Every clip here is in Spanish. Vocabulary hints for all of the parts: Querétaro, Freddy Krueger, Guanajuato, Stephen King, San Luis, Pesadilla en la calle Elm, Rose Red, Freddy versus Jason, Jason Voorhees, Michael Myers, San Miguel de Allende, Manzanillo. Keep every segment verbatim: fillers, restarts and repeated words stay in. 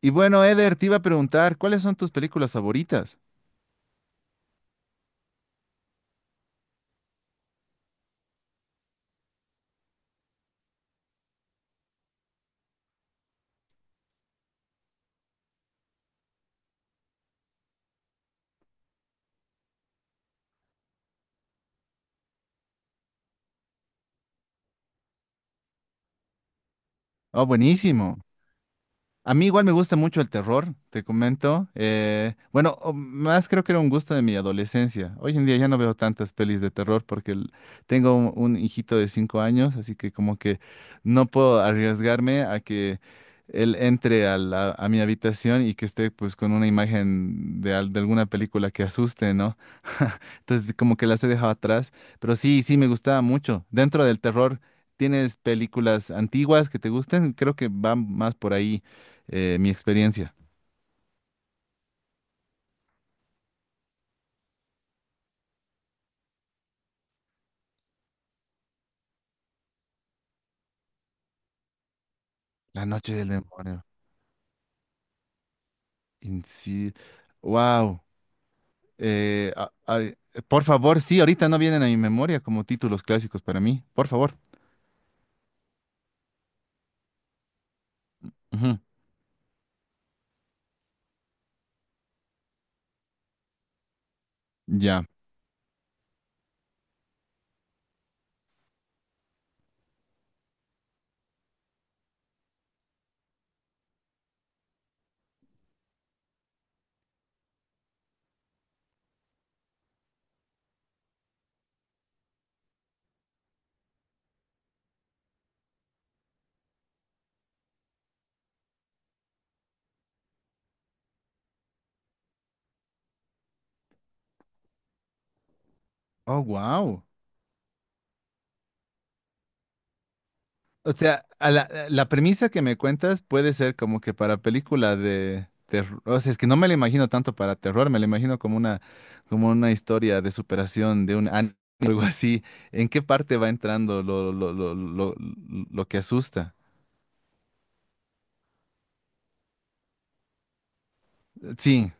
Y bueno, Eder, te iba a preguntar, ¿cuáles son tus películas favoritas? Oh, buenísimo. A mí igual me gusta mucho el terror, te comento. Eh, bueno, o más creo que era un gusto de mi adolescencia. Hoy en día ya no veo tantas pelis de terror porque el- tengo un, un hijito de cinco años, así que como que no puedo arriesgarme a que él entre a, la- a mi habitación y que esté pues con una imagen de, al- de alguna película que asuste, ¿no? Entonces como que las he dejado atrás, pero sí, sí, me gustaba mucho. Dentro del terror, ¿tienes películas antiguas que te gusten? Creo que van más por ahí. Eh, mi experiencia. La noche del demonio. Inci- Wow. Eh, a- a- por favor, sí, ahorita no vienen a mi memoria como títulos clásicos para mí. Por favor. Ujú. Ya. Oh, wow. O sea, a la, a la premisa que me cuentas puede ser como que para película de terror. O sea, es que no me la imagino tanto para terror, me la imagino como una, como una historia de superación de un anime, algo así. ¿En qué parte va entrando lo, lo, lo, lo, lo lo que asusta? Sí,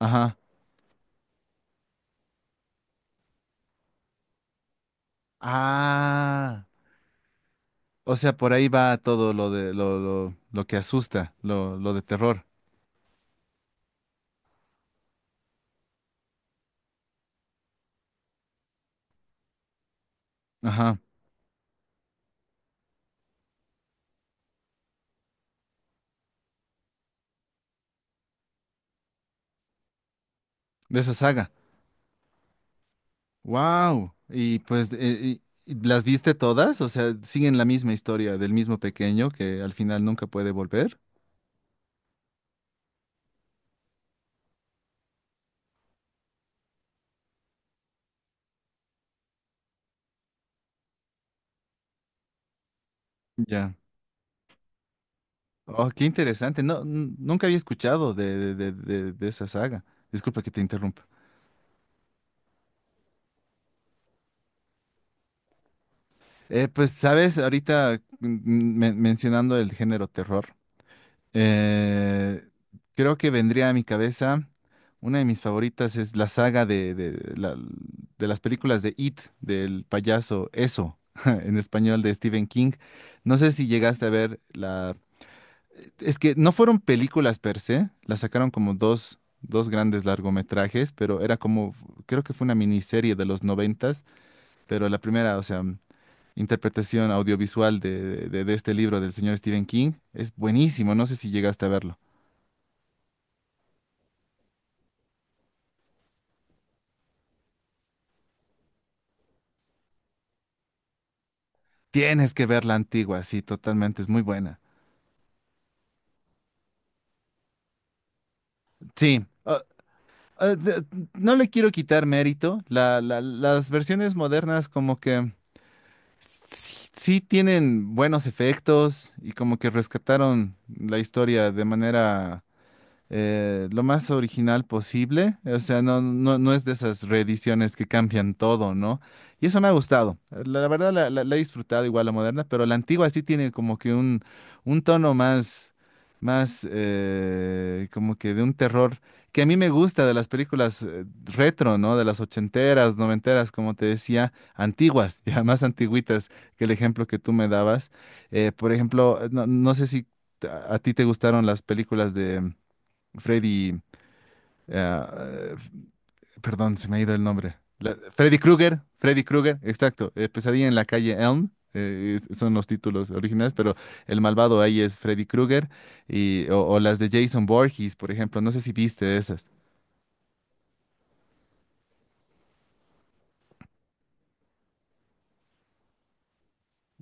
ajá. Ah, o sea, por ahí va todo lo de lo, lo, lo que asusta, lo, lo de terror. Ajá, de esa saga. Wow. Y pues, eh, y- y ¿las viste todas? O sea, siguen la misma historia del mismo pequeño que al final nunca puede volver. Ya. Oh, qué interesante. No, n- nunca había escuchado de, de, de, de- de esa saga. Disculpa que te interrumpa. Eh, pues, sabes, ahorita mm, men- mencionando el género terror. Eh, creo que vendría a mi cabeza, una de mis favoritas es la saga de, de la- de las películas de It, del payaso Eso, en español de Stephen King. No sé si llegaste a ver la... Es que no fueron películas per se, las sacaron como dos, dos grandes largometrajes, pero era como, creo que fue una miniserie de los noventas, pero la primera, o sea, interpretación audiovisual de, de de este libro del señor Stephen King es buenísimo, no sé si llegaste a verlo. Tienes que ver la antigua, sí, totalmente, es muy buena. Sí, ah, ah, de- no le quiero quitar mérito. La, la- las versiones modernas como que sí, sí tienen buenos efectos y como que rescataron la historia de manera eh, lo más original posible. O sea, no, no, no es de esas reediciones que cambian todo, ¿no? Y eso me ha gustado. La, la verdad la, la- la he disfrutado igual la moderna, pero la antigua sí tiene como que un, un tono más, más eh, como que de un terror que a mí me gusta de las películas eh, retro, ¿no? De las ochenteras, noventeras, como te decía, antiguas, ya más antigüitas que el ejemplo que tú me dabas. Eh, por ejemplo, no, no sé si a a ti te gustaron las películas de Freddy, eh, eh, perdón, se me ha ido el nombre. La- Freddy Krueger, Freddy Krueger, exacto. eh, Pesadilla en la calle Elm, eh, es- son los títulos originales, pero el malvado ahí es Freddy Krueger y o, o las de Jason Voorhees, por ejemplo. No sé si viste esas.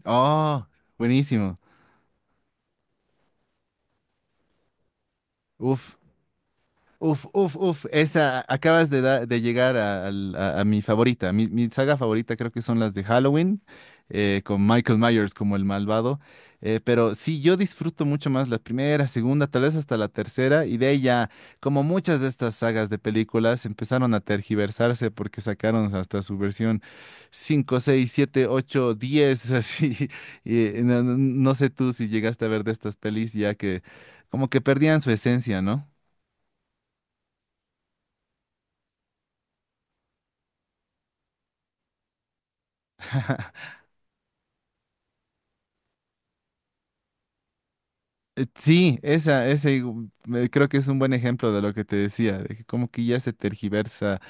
Oh, buenísimo. Uf, uf, uf, uf, esa, acabas de, da- de llegar a, al- a- a mi favorita. Mi, mi saga favorita creo que son las de Halloween, eh, con Michael Myers como el malvado. Eh, pero sí, yo disfruto mucho más la primera, segunda, tal vez hasta la tercera, y de ahí ya, como muchas de estas sagas de películas, empezaron a tergiversarse porque sacaron hasta su versión cinco, seis, siete, ocho, diez, así. Y no, no no sé tú si llegaste a ver de estas pelis ya que como que perdían su esencia, ¿no? Eh, Sí, esa, ese igu- eh, creo que es un buen ejemplo de lo que te decía, de que como que ya se tergiversa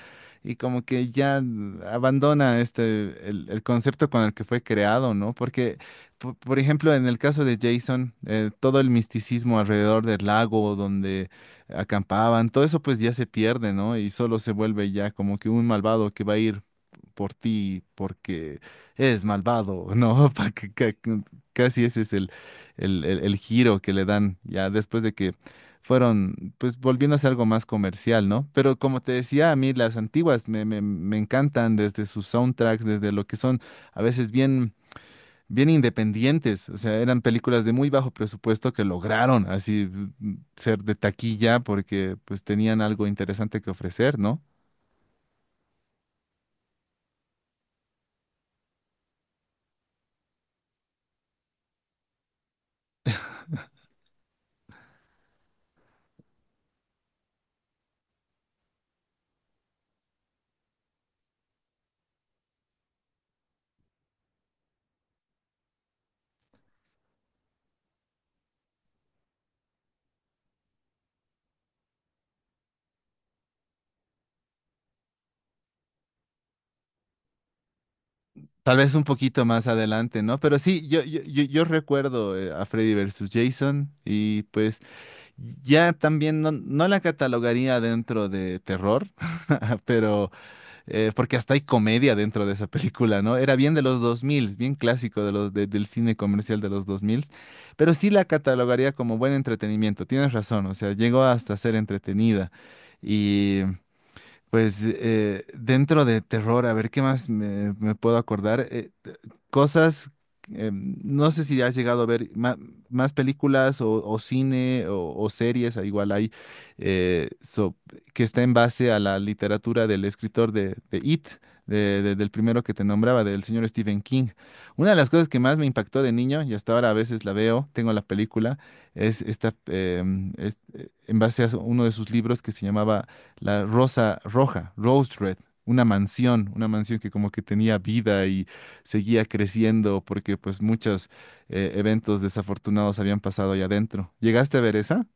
y como que ya mm, abandona este el, el concepto con el que fue creado, ¿no? Porque, po- por ejemplo, en el caso de Jason, eh, todo el misticismo alrededor del lago donde acampaban, todo eso pues ya se pierde, ¿no? Y solo se vuelve ya como que un malvado que va a ir por ti porque es malvado, ¿no? Pa- que- que- Casi ese es el el, el- el giro que le dan ya después de que fueron, pues volviéndose algo más comercial, ¿no? Pero como te decía, a mí las antiguas me, me, me encantan desde sus soundtracks, desde lo que son a veces bien, bien independientes, o sea, eran películas de muy bajo presupuesto que lograron así mm, ser de taquilla porque pues tenían algo interesante que ofrecer, ¿no? Tal vez un poquito más adelante, ¿no? Pero sí, yo, yo, yo, yo recuerdo eh, a Freddy versus Jason y pues ya también no, no la catalogaría dentro de terror, pero eh, porque hasta hay comedia dentro de esa película, ¿no? Era bien de los dos mil, bien clásico de los, de- del cine comercial de los dos mil. Pero sí la catalogaría como buen entretenimiento, tienes razón, o sea, llegó hasta ser entretenida. Pues eh, dentro de terror, a ver qué más me, me puedo acordar. Eh, t- cosas, eh, no sé si has llegado a ver ma- más películas o, o cine o, o series, ah, igual hay, eh, so- que está en base a la literatura del escritor de, de It, de- de- del primero que te nombraba, del señor Stephen King. Una de las cosas que más me impactó de niño, y hasta ahora a veces la veo, tengo la película, es esta, em, es- eh, en base a uno de sus libros que se llamaba la rosa roja, Rose Red, una mansión, una mansión que como que tenía vida y seguía creciendo porque pues muchos eh, eventos desafortunados habían pasado allá adentro. ¿Llegaste a ver esa?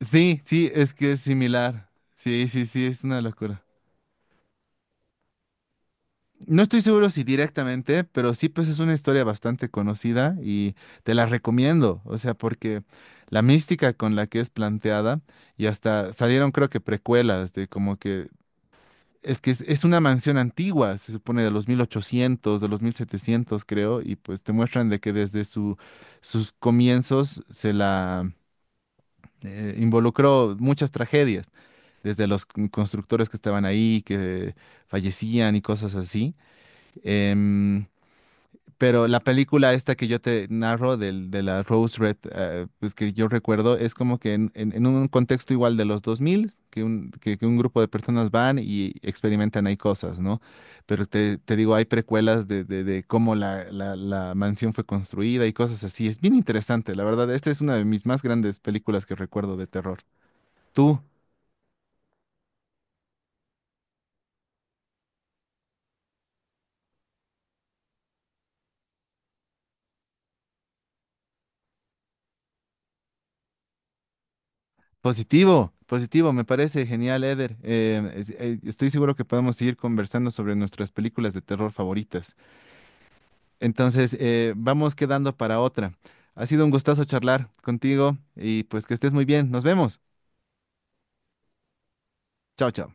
Sí, sí, es que es similar. Sí, sí, sí, es una locura. No estoy seguro si directamente, pero sí, pues es una historia bastante conocida y te la recomiendo. O sea, porque la mística con la que es planteada y hasta salieron creo que precuelas de como que es que es, es una mansión antigua, se supone de los mil ochocientos, de los mil setecientos creo, y pues te muestran de que desde su- sus comienzos se la eh, involucró muchas tragedias, desde los con- constructores que estaban ahí, que fallecían y cosas así. Em, pero la película esta que yo te narro del, de la Rose Red, eh, pues que yo recuerdo, es como que en, en- en un contexto igual de los dos mil, que un, que, que un grupo de personas van y experimentan ahí cosas, ¿no? Pero te, te digo, hay precuelas de, de- de cómo la, la- la mansión fue construida y cosas así. Es bien interesante, la verdad. Esta es una de mis más grandes películas que recuerdo de terror. Tú, positivo, positivo, me parece genial, Eder. Eh, es- eh, estoy seguro que podemos seguir conversando sobre nuestras películas de terror favoritas. Entonces, eh, vamos quedando para otra. Ha sido un gustazo charlar contigo y pues que estés muy bien. Nos vemos. Chao, chao.